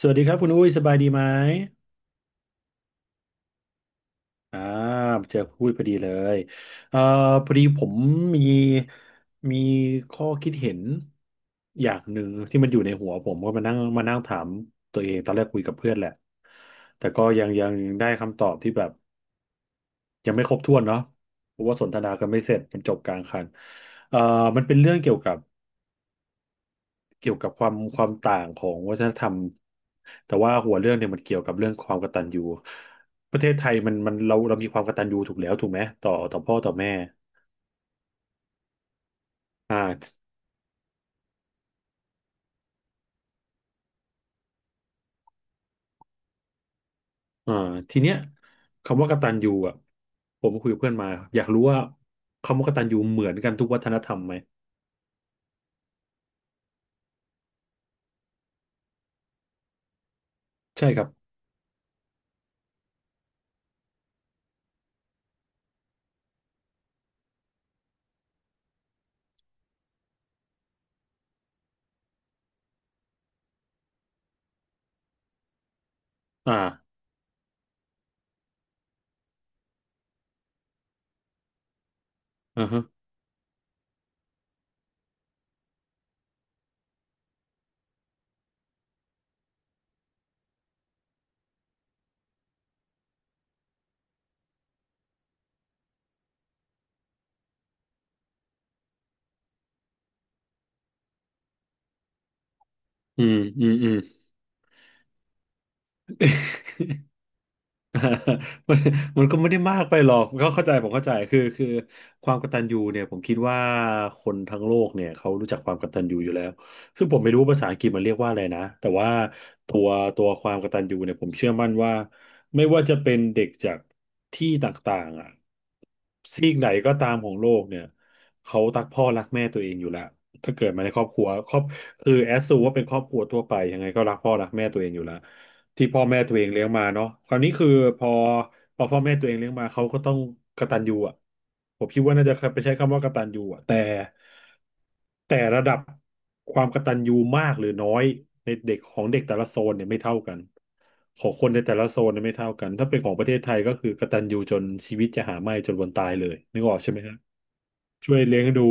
สวัสดีครับคุณอุ้ยสบายดีไหมอ่าเจอคุณอุ้ยพอดีเลยเอ่อพอดีผมมีมีข้อคิดเห็นอย่างหนึ่งที่มันอยู่ในหัวผมก็มานั่งถามตัวเองตอนแรกคุยกับเพื่อนแหละแต่ก็ยังได้คำตอบที่แบบยังไม่ครบถ้วนเนาะเพราะว่าสนทนากันไม่เสร็จมันจบกลางคันเอ่อมันเป็นเรื่องเกี่ยวกับ เกี่ยวกับความต่างของวัฒนธรรมแต่ว่าหัวเรื่องเนี่ยมันเกี่ยวกับเรื่องความกตัญญูประเทศไทยมันเรามีความกตัญญูถูกแล้วถูกไหมต่อพ่อต่อแม่อ่าอ่าทีเนี้ยคำว่ากตัญญูอ่ะผมคุยกับเพื่อนมาอยากรู้ว่าคำว่ากตัญญูเหมือนกันทุกวัฒนธรรมไหมใช่ครับอ่าอ่าฮะอืมอืมอืม มันมันก็ไม่ได้มากไปหรอกก็เข้าใจผมเข้าใจคือความกตัญญูเนี่ยผมคิดว่าคนทั้งโลกเนี่ยเขารู้จักความกตัญญูอยู่แล้วซึ่งผมไม่รู้ว่าภาษาอังกฤษมันเรียกว่าอะไรนะแต่ว่าตัวตัวความกตัญญูเนี่ยผมเชื่อมั่นว่าไม่ว่าจะเป็นเด็กจากที่ต่างๆอ่ะซีกไหนก็ตามของโลกเนี่ยเขารักพ่อรักแม่ตัวเองอยู่แล้วถ้าเกิดมาในครอบครัวครอบคือแอสซูว่าเป็นครอบครัวทั่วไปยังไงก็รักพ่อรักแม่ตัวเองอยู่แล้ว ที่พ่อแม่ตัวเองเลี้ยงมาเนาะคราวนี้คือพอพอพ่อแม่ตัวเองเลี้ยงมาเขาก็ต้องกตัญญูอ่ะผมคิดว่าน่าจะไปใช้คำว่ากตัญญูอ่ะแต่แต่ระดับความกตัญญูมากหรือน้อยในเด็กของเด็กแต่ละโซนเนี่ยไม่เท่ากันของคนในแต่ละโซนเนี่ยไม่เท่ากันถ้าเป็นของประเทศไทยก็คือกตัญญูจนชีวิตจะหาไม่จนวันตายเลยนึกออกใช่ไหมครับช่วยเลี้ยงดู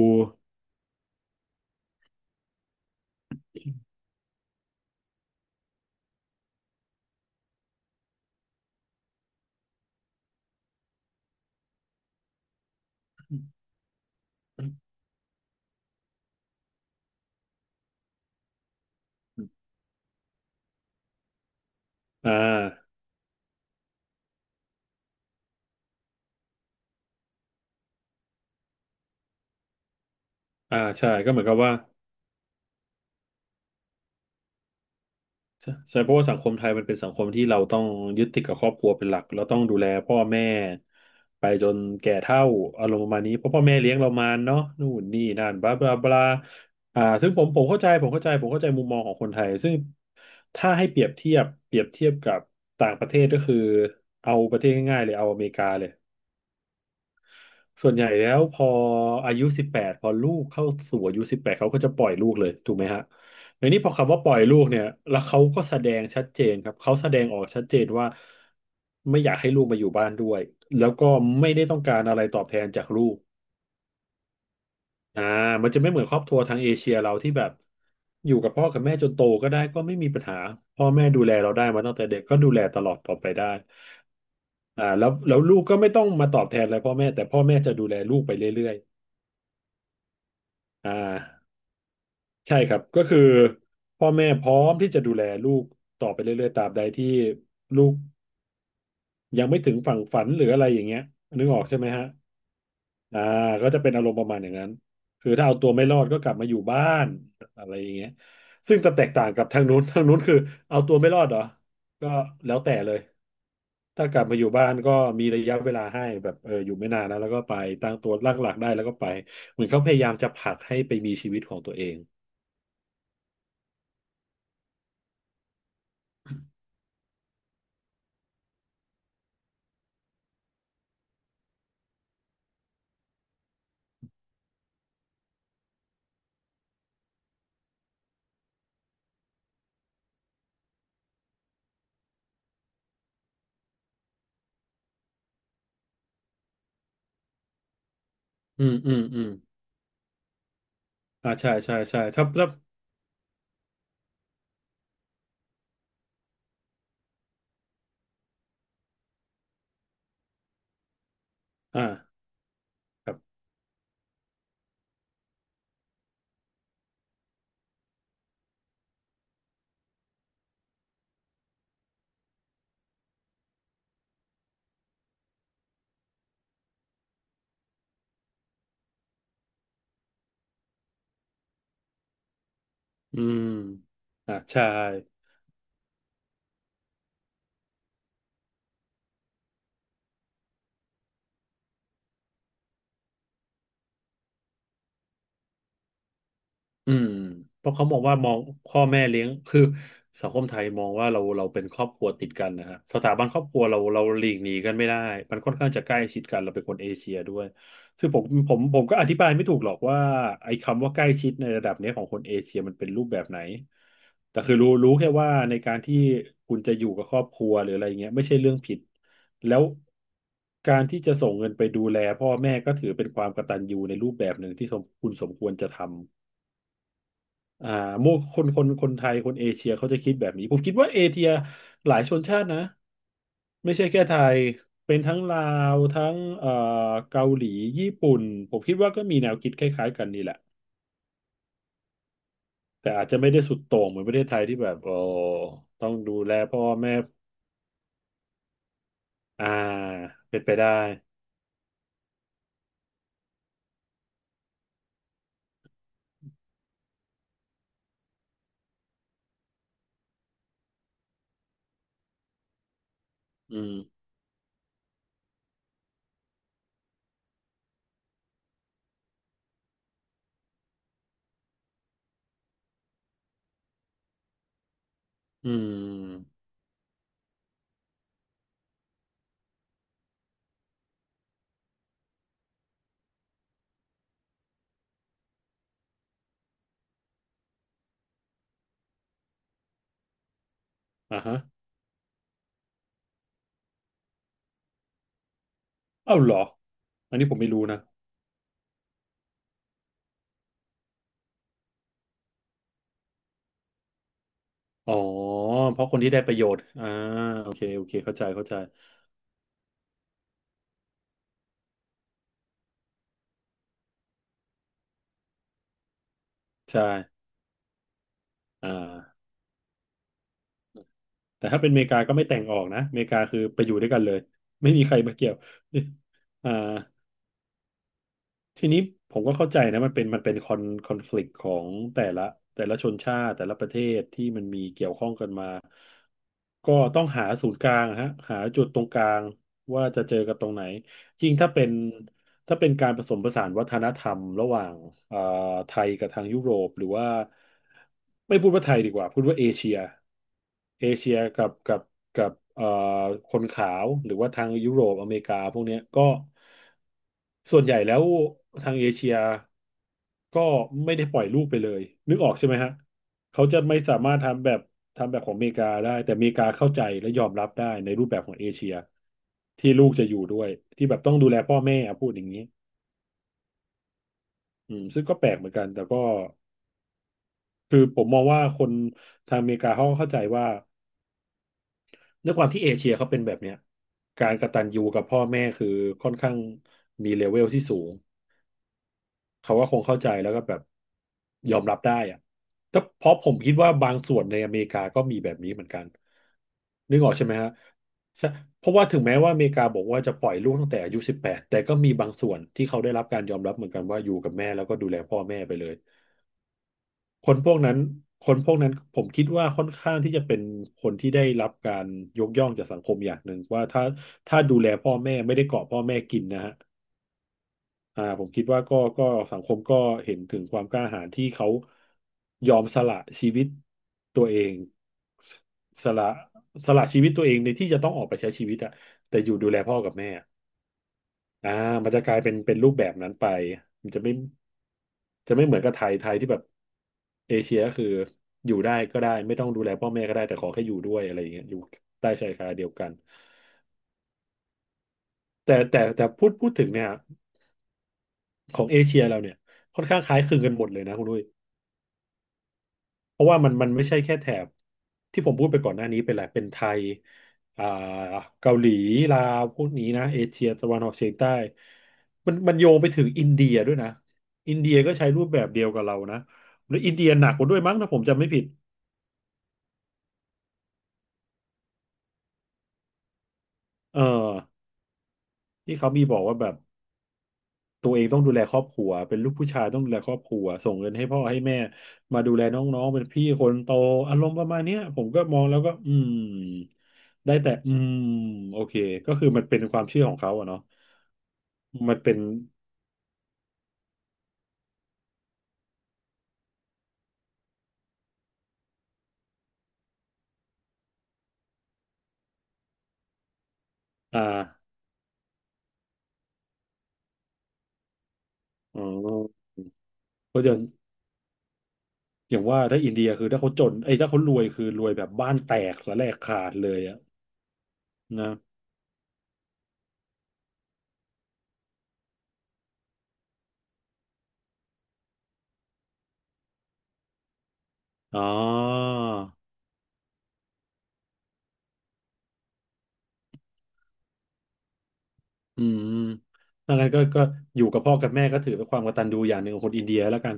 อ่าอ่าใช่ก็เหมือนกับว่า ใช่ใช่เพราะว่าสังคมไทยมันเป็นสังคมที่เราต้องยึดติดกับครอบครัวเป็นหลักเราต้องดูแลพ่อแม่ไปจนแก่เฒ่าอารมณ์ประมาณนี้เพราะพ่อแม่เลี้ยงเรามาเนาะนู่นนี่นั่นบลาบลาบลาอ่าซึ่งผมเข้าใจผมเข้าใจผมเข้าใจมุมมองของคนไทยซึ่งถ้าให้เปรียบเทียบเปรียบเทียบกับต่างประเทศก็คือเอาประเทศง่ายๆเลยเอาอเมริกาเลย ส่วนใหญ่แล้วพออายุ18พอลูกเข้าสู่อายุสิบแปดเขาก็จะปล่อยลูกเลยถูกไหมฮะในนี้พอคำว่าปล่อยลูกเนี่ยแล้วเขาก็แสดงชัดเจนครับเขาแสดงออกชัดเจนว่าไม่อยากให้ลูกมาอยู่บ้านด้วยแล้วก็ไม่ได้ต้องการอะไรตอบแทนจากลูกอ่ามันจะไม่เหมือนครอบครัวทางเอเชียเราที่แบบอยู่กับพ่อกับแม่จนโตก็ได้ก็ไม่มีปัญหาพ่อแม่ดูแลเราได้มาตั้งแต่เด็กก็ดูแลตลอดต่อไปได้อ่าแล้วลูกก็ไม่ต้องมาตอบแทนอะไรพ่อแม่แต่พ่อแม่จะดูแลลูกไปเรื่อยๆอ่า ใช่ครับก็คือพ่อแม่พร้อมที่จะดูแลลูกต่อไปเรื่อยๆตราบใดที่ลูกยังไม่ถึงฝั่งฝันหรืออะไรอย่างเงี้ยนึกออกใช่ไหมฮะอ่าก็จะเป็นอารมณ์ประมาณอย่างนั้นคือถ้าเอาตัวไม่รอดก็กลับมาอยู่บ้านอะไรอย่างเงี้ยซึ่งจะแตกต่างกับทางนู้น ทางนู้นคือเอาตัวไม่รอดเหรอก็แล้วแต่เลยถ้ากลับมาอยู่บ้านก็มีระยะเวลาให้แบบเอออยู่ไม่นานนะแล้วก็ไปตั้งตัวตั้งหลักได้แล้วก็ไปเหมือนเขาพยายามจะผลักให้ไปมีชีวิตของตัวเองอืมอืมอืม อ่าใช่ใช่ใช่ถ้าอ่าครับอืมอ่าใช่ อืมเพราะเขามองว่ามองพ่อแม่เลี้ยงคือสังคมไทยมองว่าเราเป็นครอบครัวติดกันนะฮะสถาบันครอบครัวเราหลีกหนีกันไม่ได้มันค่อนข้างจะใกล้ชิดกันเราเป็นคนเอเชียด้วยซึ่งผมก็อธิบายไม่ถูกหรอกว่าไอ้คำว่าใกล้ชิดในระดับเนี้ยของคนเอเชียมันเป็นรูปแบบไหนแต่คือรู้แค่ว่าในการที่คุณจะอยู่กับครอบครัวหรืออะไรเงี้ยไม่ใช่เรื่องผิดแล้วการที่จะส่งเงินไปดูแลพ่อแม่ก็ถือเป็นความกตัญญูในรูปแบบหนึ่งที่สมคุณสมควรจะทำ อ่าโมคนไทยคนเอเชียเขาจะคิดแบบนี้ผมคิดว่าเอเชียหลายชนชาตินะไม่ใช่แค่ไทยเป็นทั้งลาวทั้งเกาหลีญี่ปุ่นผมคิดว่าก็มีแนวคิดคล้ายๆกันนี่แหละแต่อาจจะไม่ได้สุดโต่งเหมือนประเทศไทยที่แบบโอ้ต้องดูแลพ่อแม่อ่าเป็นไปได้อืมอืมอ่าฮะเอ้าเหรออันนี้ผมไม่รู้นะอ๋อเพราะคนที่ได้ประโยชน์อ่าโอเคโอเคเข้าใจเข้าใจใช่อ่า แต่ถ้าเป็นอเมริกาก็ไม่แต่งออกนะอเมริกาคือไปอยู่ด้วยกันเลยไม่มีใครมาเกี่ยว อ่าทีนี้ผมก็เข้าใจนะมันเป็นคอนคอน FLICT ของแต่ละแต่ละชนชาติแต่ละประเทศที่มันมีเกี่ยวข้องกันมาก็ต้องหาศูนย์กลางฮะหาจุดตรงกลางว่าจะเจอกันตรงไหนยิ่งถ้าเป็น ถ้าเป็นการผสมผสานวัฒนธรรมระหว่างเอ่อไทยกับทางยุโรปหรือว่าไม่พูดว่าไทยดีกว่าพูดว่าเอเชียเอเชียกับกับคนขาวหรือว่าทางยุโรปอเมริกาพวกเนี้ยก็ส่วนใหญ่แล้วทางเอเชียก็ไม่ได้ปล่อยลูกไปเลยนึกออกใช่ไหมฮะเขาจะไม่สามารถทำแบบทำแบบของอเมริกาได้แต่อเมริกาเข้าใจและยอมรับได้ในรูปแบบของเอเชียที่ลูกจะอยู่ด้วยที่แบบต้องดูแลพ่อแม่อะพูดอย่างนี้ อืมซึ่งก็แปลกเหมือนกันแต่ก็คือผมมองว่าคนทางอเมริกาเขาก็เข้าใจว่าด้วยความที่เอเชียเขาเป็นแบบเนี้ยการกตัญญูกับพ่อแม่คือค่อนข้างมีเลเวลที่สูงเขาก็คงเข้าใจแล้วก็แบบยอมรับได้อะแต่เพราะผมคิดว่าบางส่วนในอเมริกาก็มีแบบนี้เหมือนกันนึกออกใช่ไหมฮะใช่เพราะว่าถึงแม้ว่าอเมริกาบอกว่าจะปล่อยลูกตั้งแต่อายุสิบแปดแต่ก็มีบางส่วนที่เขาได้รับการยอมรับเหมือนกันว่าอยู่กับแม่แล้วก็ดูแลพ่อแม่ไปเลย คนพวกนั้นคนพวกนั้นผมคิดว่าค่อนข้างที่จะเป็นคนที่ได้รับการยกย่องจากสังคมอย่างหนึ่งว่าถ้าถ้าดูแลพ่อแม่ไม่ได้เกาะพ่อแม่กินนะฮะอ่าผมคิดว่าก็สังคมก็เห็นถึงความกล้าหาญที่เขายอมสละชีวิตตัวเองสละสละชีวิตตัวเองในที่จะต้องออกไปใช้ชีวิตอะแต่อยู่ดูแลพ่อกับแม่ อ่ามันจะกลายเป็นเป็นรูปแบบนั้นไปมันจะไม่จะไม่เหมือนกับไทยไทยที่แบบเอเชียก็คืออยู่ได้ก็ได้ไม่ต้องดูแลพ่อแม่ก็ได้แต่ขอแค่อยู่ด้วยอะไรอย่างเงี้ยอยู่ใต้ชายคาเดียวกันแต่พูดถึงเนี่ยของเอเชียเราเนี่ยค่อนข้างคล้ายคลึงกันหมดเลยนะคุณด้ย เพราะว่ามันไม่ใช่แค่แถบที่ผมพูดไปก่อนหน้านี้ไปแหละเป็นไทยอ่าเกาหลีลาวพวกนี้นะเอเชียตะวันออกเฉียงใต้มันโยงไปถึงอินเดียด้วยนะอินเดียก็ใช้รูปแบบเดียวกับเรานะแล้วอินเดียหนักกว่าด้วยมั้งถ้าผมจำไม่ผิดเออที่เขามีบอกว่าแบบ ตัวเองต้องดูแลครอบครัว เป็นลูกผู้ชายต้องดูแลครอบครัว ส่งเงินให้พ่อให้แม่ มาดูแลน้องๆเป็นพี่คนโตอารมณ์ประมาณเนี้ยผมก็มองแล้วก็อืมได้แต่อืมโอเคก็คือมันเป็นความเชื่อของเขาอะเนาะมันเป็นอ่าอ๋อเพราะฉะนั้นอย่างว่าถ้าอินเดียคือถ้าเขาจนไอ้ยถ้าเขารวยคือรวยแบบบ้านแตกสะแลกขาดเลยอะนะอ๋ออืมดังนั้นก็อยู่กับพ่อกับแม่ก็ถือเป็นความกตัญญูอย่างหนึ่งของคนอินเดียแล้วกัน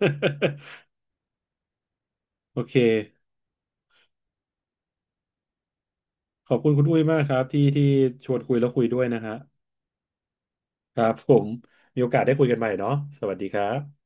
โอเคขอบคุณคุณอุ้ยมากครับที่ชวนคุยแล้วคุยด้วยนะฮะครับผมมีโอกาสได้คุยกันใหม่เนาะสวัสดีครับ